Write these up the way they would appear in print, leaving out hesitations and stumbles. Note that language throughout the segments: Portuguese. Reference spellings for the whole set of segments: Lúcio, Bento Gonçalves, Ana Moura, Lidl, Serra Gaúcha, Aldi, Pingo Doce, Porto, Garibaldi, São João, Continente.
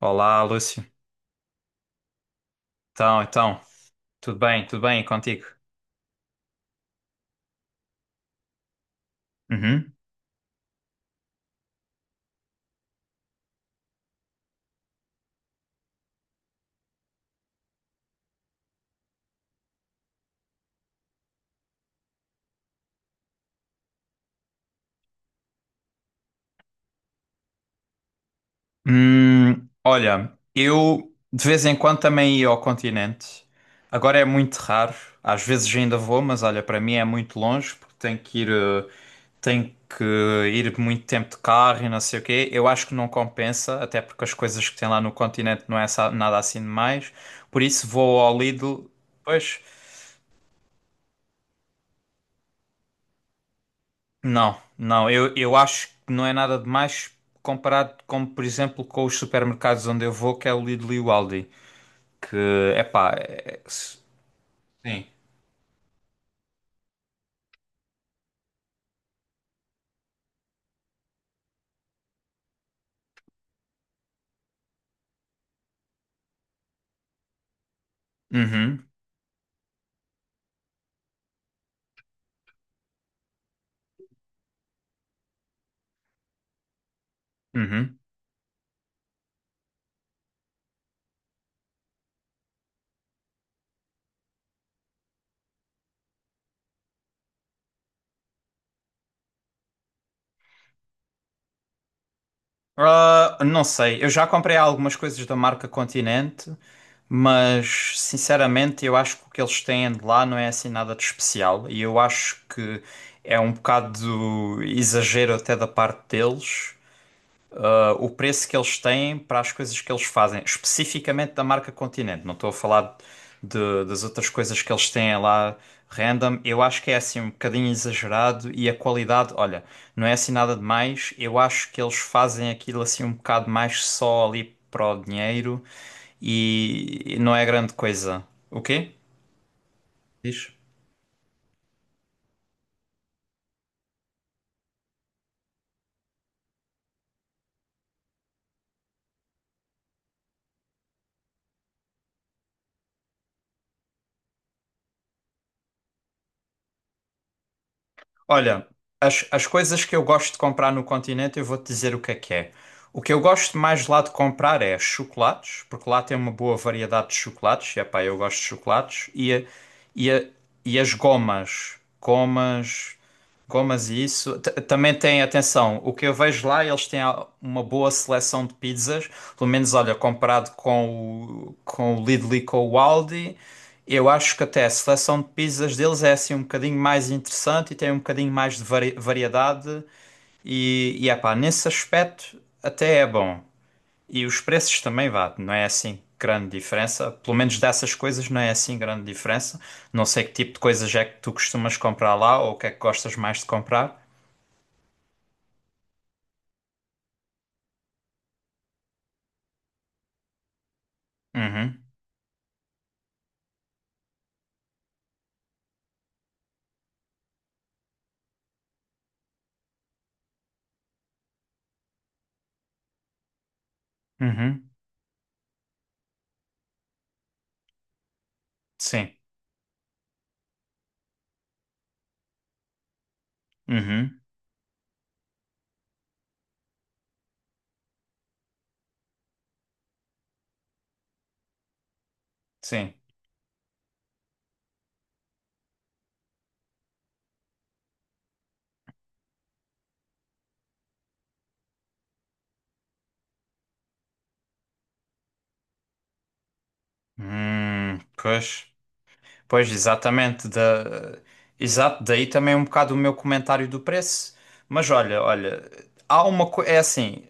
Olá, Lúcio. Então, então, tudo bem e contigo? Uhum. Olha, eu de vez em quando também ia ao continente. Agora é muito raro. Às vezes ainda vou, mas olha, para mim é muito longe porque tenho que ir, tenho que ir muito tempo de carro e não sei o quê. Eu acho que não compensa, até porque as coisas que tem lá no continente não é nada assim demais. Por isso vou ao Lidl. Pois. Não, não, eu acho que não é nada de mais comparado com, por exemplo, com os supermercados onde eu vou, que é o Lidl e o Aldi, que, epá, é Sim. Uhum, uhum. Ah, não sei, eu já comprei algumas coisas da marca Continente, mas, sinceramente, eu acho que o que eles têm de lá não é assim nada de especial, e eu acho que é um bocado exagero até da parte deles, o preço que eles têm para as coisas que eles fazem, especificamente da marca Continente. Não estou a falar das outras coisas que eles têm lá random. Eu acho que é assim um bocadinho exagerado e a qualidade, olha, não é assim nada demais. Eu acho que eles fazem aquilo assim um bocado mais só ali para o dinheiro e não é grande coisa. O quê? Diz? Olha, as coisas que eu gosto de comprar no continente, eu vou-te dizer o que é que é. O que eu gosto mais lá de comprar é chocolates, porque lá tem uma boa variedade de chocolates, e epá, eu gosto de chocolates, e, a- e as gomas, gomas e isso. Também tem, atenção, o que eu vejo lá, eles têm uma boa seleção de pizzas, pelo menos, olha, comparado com o Lidl e com o Aldi, eu acho que até a seleção de pizzas deles é assim um bocadinho mais interessante e tem um bocadinho mais de variedade e epá, nesse aspecto até é bom. E os preços também vá, não é assim grande diferença. Pelo menos dessas coisas não é assim grande diferença. Não sei que tipo de coisas é que tu costumas comprar lá ou o que é que gostas mais de comprar. Uhum, uhum, sim, uhum, sim. Pois. Pois, exatamente. Da... Exato, daí também um bocado o meu comentário do preço. Mas olha, olha, há uma coisa. É assim,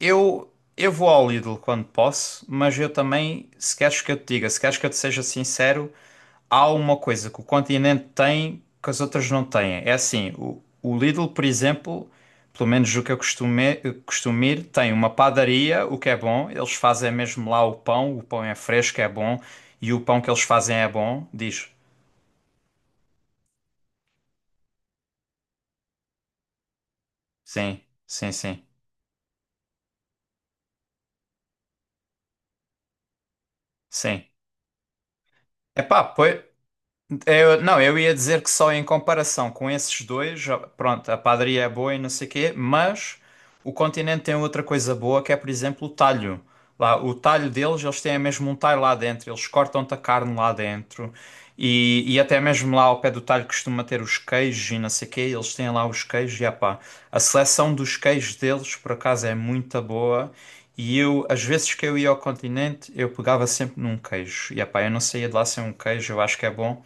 eu vou ao Lidl quando posso, mas eu também, se queres que eu te diga, se queres que eu te seja sincero, há uma coisa que o Continente tem que as outras não têm. É assim, o Lidl, por exemplo, pelo menos o que eu costumo ir, tem uma padaria, o que é bom, eles fazem mesmo lá o pão é fresco, é bom, e o pão que eles fazem é bom, diz. Sim, sim, sim, sim. Epá, pois. Eu, não, eu ia dizer que só em comparação com esses dois, pronto, a padaria é boa e não sei quê, mas o continente tem outra coisa boa que é, por exemplo, o talho. Lá, o talho deles, eles têm mesmo um talho lá dentro, eles cortam-te a carne lá dentro e até mesmo lá ao pé do talho costuma ter os queijos e não sei quê, eles têm lá os queijos e epá, a seleção dos queijos deles, por acaso, é muito boa. E eu, às vezes que eu ia ao continente, eu pegava sempre num queijo. E epá, eu não saía de lá sem um queijo, eu acho que é bom.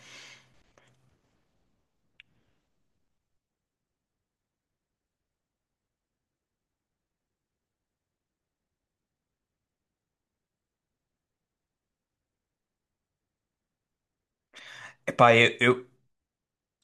Epá,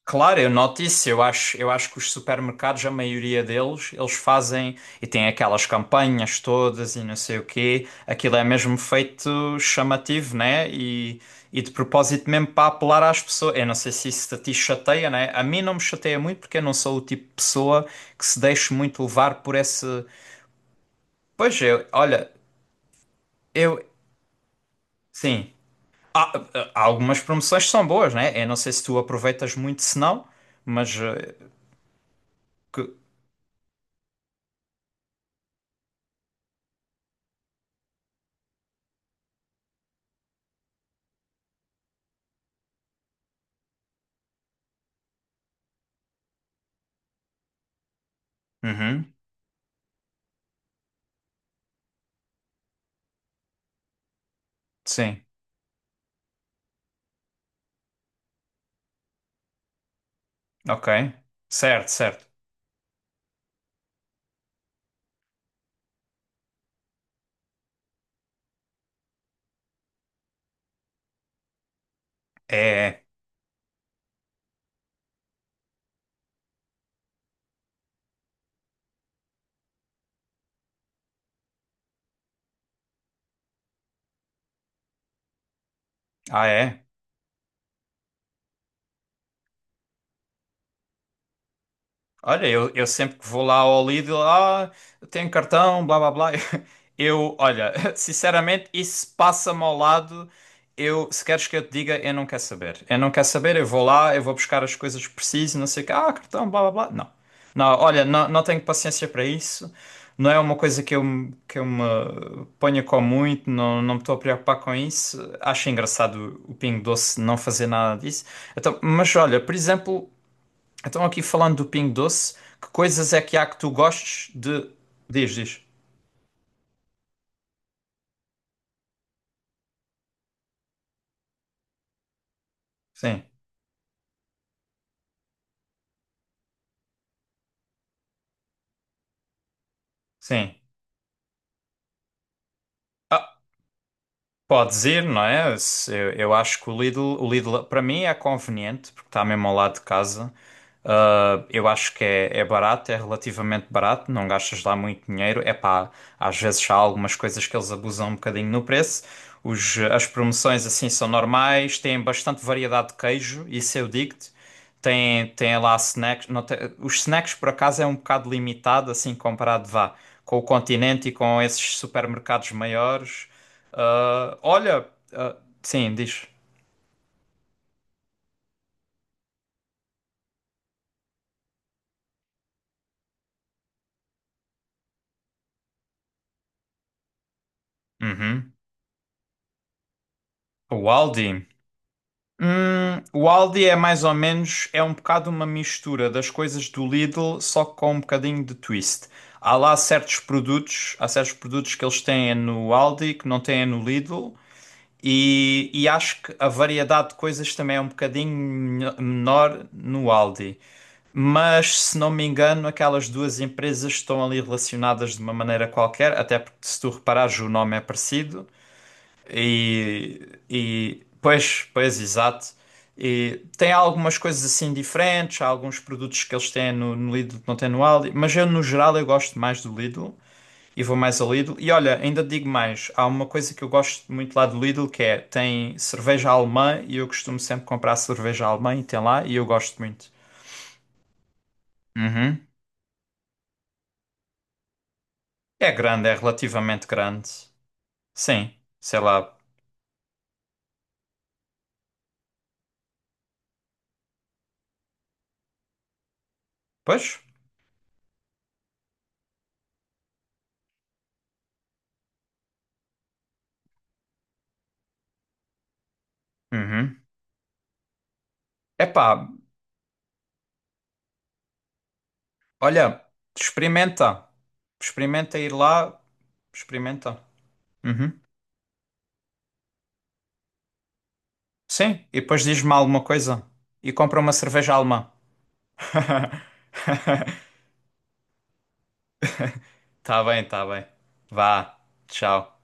claro, eu noto isso. Eu acho que os supermercados, a maioria deles, eles fazem e têm aquelas campanhas todas e não sei o quê. Aquilo é mesmo feito chamativo, né? E de propósito mesmo para apelar às pessoas. Eu não sei se isso a ti chateia, né? A mim não me chateia muito porque eu não sou o tipo de pessoa que se deixe muito levar por esse. Pois eu, olha, eu, sim. Há, há algumas promoções que são boas, né? Eu não sei se tu aproveitas muito, se não, mas que- Uhum. Sim. Ok. Certo, certo. É. É. Ah, é? Olha, eu sempre que vou lá ao Lidl, eu tenho cartão, blá blá blá. Eu, olha, sinceramente, isso passa-me ao lado. Eu, se queres que eu te diga, eu não quero saber. Eu não quero saber, eu vou lá, eu vou buscar as coisas que preciso, não sei o que, cartão, blá blá blá. Não. Não, olha, não, não tenho paciência para isso. Não é uma coisa que que eu me ponha com muito, não, não me estou a preocupar com isso. Acho engraçado o Pingo Doce não fazer nada disso. Então, mas olha, por exemplo. Então, aqui falando do Pingo Doce, que coisas é que há que tu gostes de. Diz, diz. Sim, sim. Pode ir, não é? Eu acho que o Lidl para mim é conveniente porque está mesmo ao lado de casa. Ah, eu acho que é, é barato, é relativamente barato, não gastas lá muito dinheiro. É pá, às vezes há algumas coisas que eles abusam um bocadinho no preço. Os, as promoções assim são normais, têm bastante variedade de queijo, isso eu digo-te. Tem, tem lá snacks. Não tem- os snacks, por acaso, é um bocado limitado, assim, comparado, vá, com o Continente e com esses supermercados maiores. Ah, olha, ah, sim, diz. Uhum. O Aldi. O Aldi é mais ou menos, é um bocado uma mistura das coisas do Lidl, só com um bocadinho de twist. Há lá certos produtos, há certos produtos que eles têm no Aldi que não têm no Lidl, e acho que a variedade de coisas também é um bocadinho menor no Aldi. Mas, se não me engano, aquelas duas empresas estão ali relacionadas de uma maneira qualquer, até porque se tu reparares o nome é parecido e pois, pois, exato. E tem algumas coisas assim diferentes, há alguns produtos que eles têm no, no Lidl que não têm no Aldi, mas eu no geral eu gosto mais do Lidl e vou mais ao Lidl. E olha, ainda digo mais, há uma coisa que eu gosto muito lá do Lidl que é, tem cerveja alemã e eu costumo sempre comprar cerveja alemã e tem lá e eu gosto muito. Uhum. É grande, é relativamente grande. Sim, sei lá. Pois? Uhum. Epá, olha, experimenta. Experimenta ir lá, experimenta. Uhum. Sim, e depois diz-me alguma coisa. E compra uma cerveja alemã. Tá bem, tá bem. Vá, tchau.